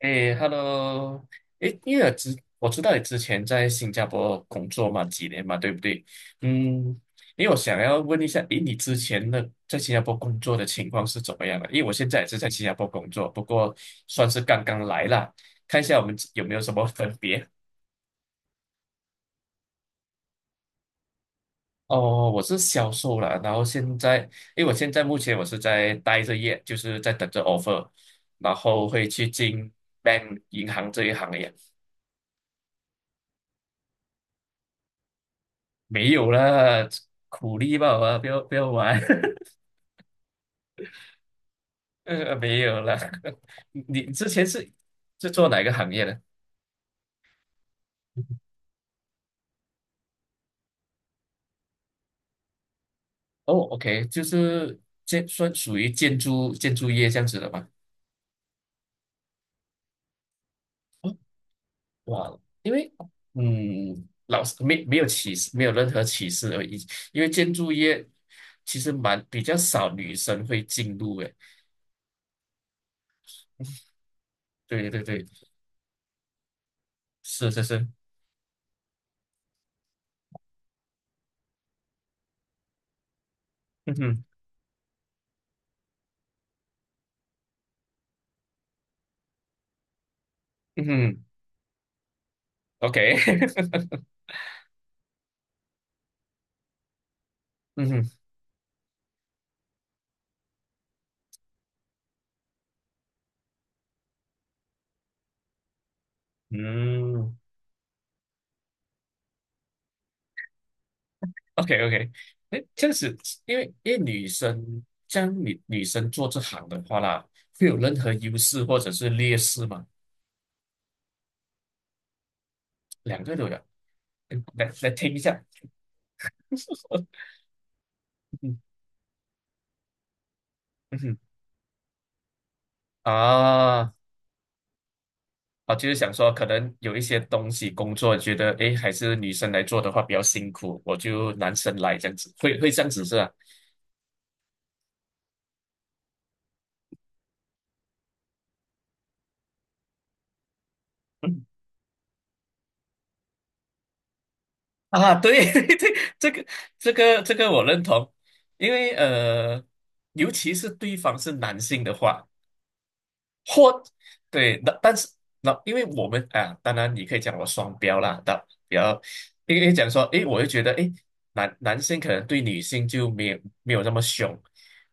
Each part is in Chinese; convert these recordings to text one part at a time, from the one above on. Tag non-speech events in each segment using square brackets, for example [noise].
哎，Hello，哎，因为我知道你之前在新加坡工作嘛，几年嘛，对不对？嗯，因为我想要问一下，诶，你之前的在新加坡工作的情况是怎么样的？因为我现在也是在新加坡工作，不过算是刚刚来啦，看一下我们有没有什么分别。哦，我是销售啦，然后现在，因为我现在目前是在待着业，就是在等着 offer，然后会去进 bank 银行这一行业。没有啦，苦力吧，啊，不要玩，[laughs] 没有啦。[laughs] 你之前是做哪个行业的？哦，OK，就是建算属于建筑业这样子的吧？哇，因为嗯，老师没有歧视，没有任何歧视而已，因为建筑业其实蛮比较少女生会进入诶。对对对，是是是，嗯哼嗯哼，OK，[laughs] 嗯哼嗯。OK OK，哎，这样子，因为女生，这样女生做这行的话啦，会有任何优势或者是劣势吗？两个都有。嗯来来听一下，[laughs] 嗯嗯哼啊啊，就是想说，可能有一些东西工作，觉得哎诶还是女生来做的话比较辛苦，我就男生来这样子，会这样子是吧？[laughs] 嗯啊，对 [laughs] 对，这个这个我认同，因为尤其是对方是男性的话。或对，那但是那因为我们啊，当然你可以讲我双标啦，但比较因为讲说，诶，我就觉得，诶，男性可能对女性就没有那么凶，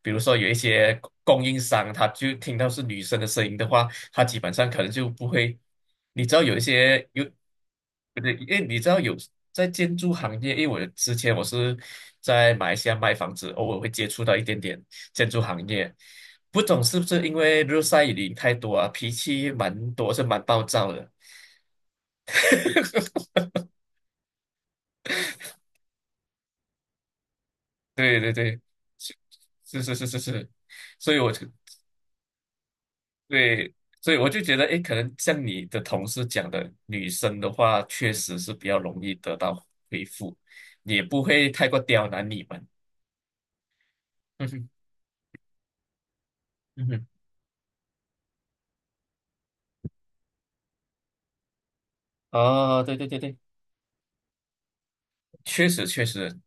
比如说有一些供应商，他就听到是女生的声音的话，他基本上可能就不会，你知道有一些有，不对，因为你知道有在建筑行业，因为我之前是在马来西亚卖房子，偶尔会接触到一点点。建筑行业，不懂是不是因为日晒雨淋太多啊，脾气蛮多，是蛮暴躁的。[laughs] 对对对，是是是是是，所以我就对，所以我就觉得，诶，可能像你的同事讲的，女生的话确实是比较容易得到回复，也不会太过刁难你们。[laughs] 嗯哼，嗯哼，哦，对对对对，确实确实，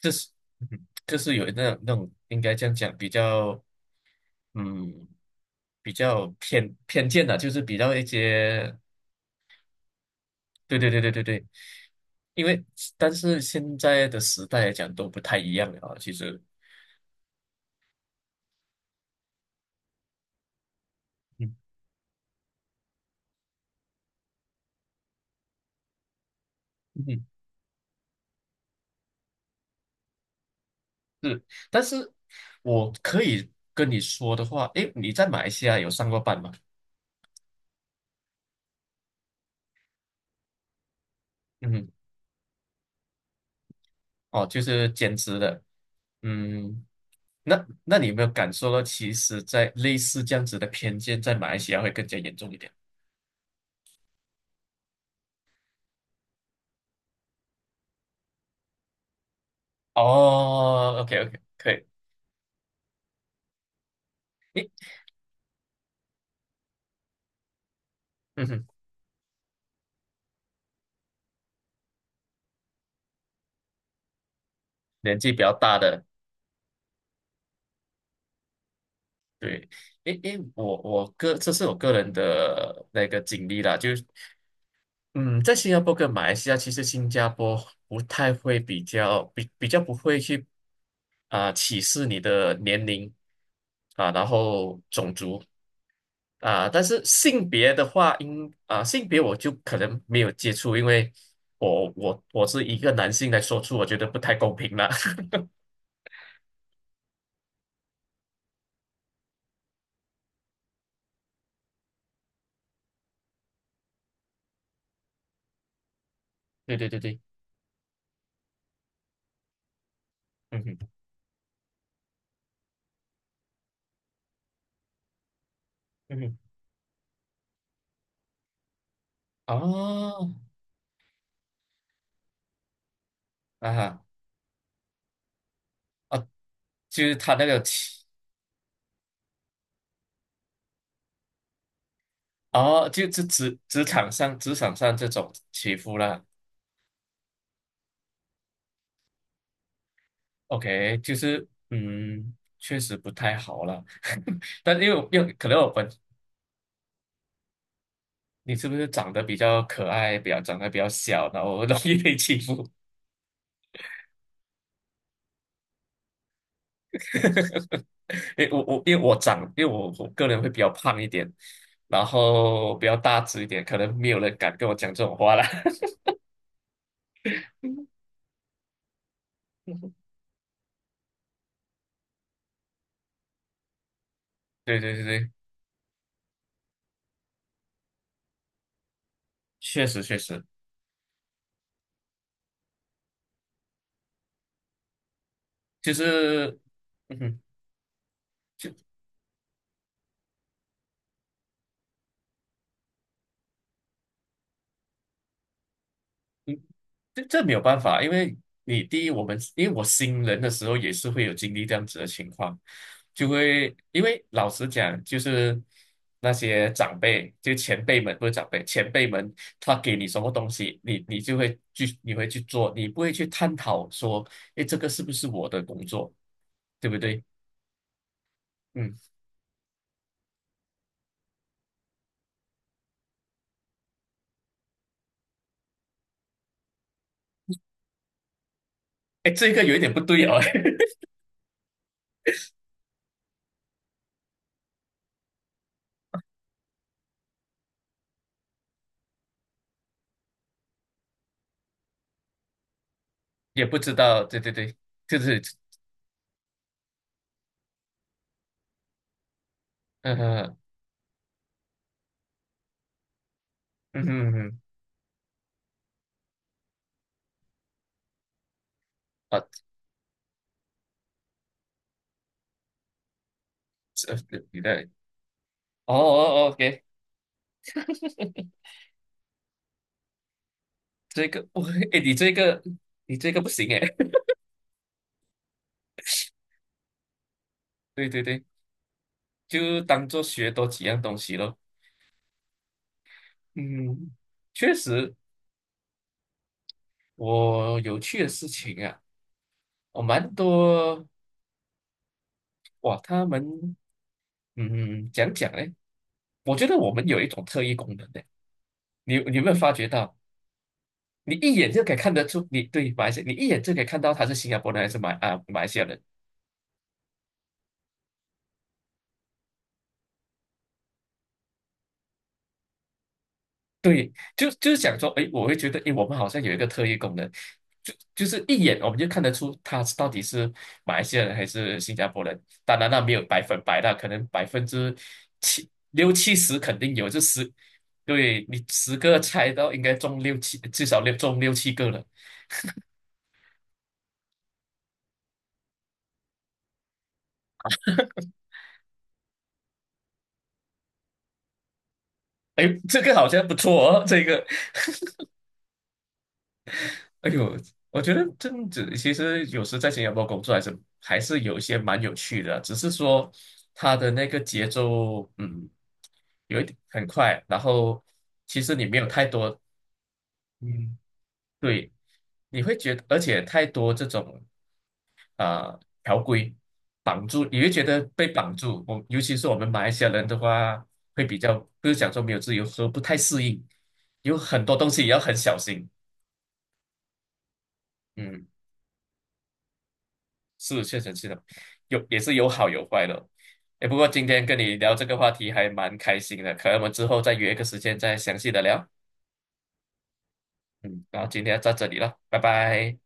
这是嗯哼这是有那种那种应该这样讲，比较。嗯，比较偏见的，就是比较一些，对对对对对对，因为但是现在的时代来讲都不太一样了啊，其实，嗯嗯是，但是我可以跟你说的话，诶，你在马来西亚有上过班吗？嗯，哦，就是兼职的，嗯，那你有没有感受到，其实，在类似这样子的偏见，在马来西亚会更加严重一点？哦，OK OK，可以，嗯哼，年纪比较大的。对，因因我个这是我个人的那个经历啦，就是嗯，在新加坡跟马来西亚，其实新加坡不太会比较比比较不会去啊、歧视你的年龄啊，然后种族啊，但是性别的话，应啊性别我就可能没有接触，因为我是一个男性来说出，我觉得不太公平啦。[laughs] 对对对对，嗯哼嗯哼，哦啊哈啊，就是他那个。哦，就就职职场上这种欺负啦，OK，就是嗯，确实不太好了。[laughs] 但是因为我因为可能我本你是不是长得比较可爱，比较长得比较小，然后容易被欺负？[laughs] 因为我因为我长，因为我个人会比较胖一点，然后比较大只一点，可能没有人敢跟我讲这种话啦。[laughs] 对对对对，确实确实，就是嗯哼。这这没有办法，因为你第一，我们因为我新人的时候也是会有经历这样子的情况，就会因为老实讲，就是那些长辈，就前辈们不是长辈，前辈们他给你什么东西，你就会去你会去做，你不会去探讨说，诶，这个是不是我的工作，对不对？嗯，诶，这个有一点不对哦，[laughs] 也不知道，对对对，就是，嗯嗯嗯嗯，啊，这呃你的。哦哦哦，OK，这个不会 [laughs]，哎，你这个你这个不行哎，[laughs] 对对对，就当做学多几样东西咯。嗯，确实，我有趣的事情啊，我蛮多哇，他们嗯讲讲嘞，我觉得我们有一种特异功能的，你有没有发觉到？你一眼就可以看得出，你对马来西亚，你一眼就可以看到他是新加坡人还是马啊马来西亚人。对，就是想说，哎，我会觉得，哎，我们好像有一个特异功能，就是一眼我们就看得出他到底是马来西亚人还是新加坡人。当然，那没有百分百啦，可能百分之七六七十肯定有，就十，对你十个猜到应该中六七，至少六中六七个了。哎，这个好像不错哦，这个哎呦，我觉得这样子其实有时在新加坡工作还是有一些蛮有趣的，只是说它的那个节奏，嗯，有一点很快，然后其实你没有太多，嗯，对，你会觉得，而且太多这种啊、条规绑住，你会觉得被绑住。我尤其是我们马来西亚人的话，会比较不是讲说没有自由，说不太适应，有很多东西也要很小心。嗯。是确实是的，有也是有好有坏的。哎，不过今天跟你聊这个话题还蛮开心的，可能我们之后再约一个时间再详细的聊。嗯，然后今天到这里了，拜拜。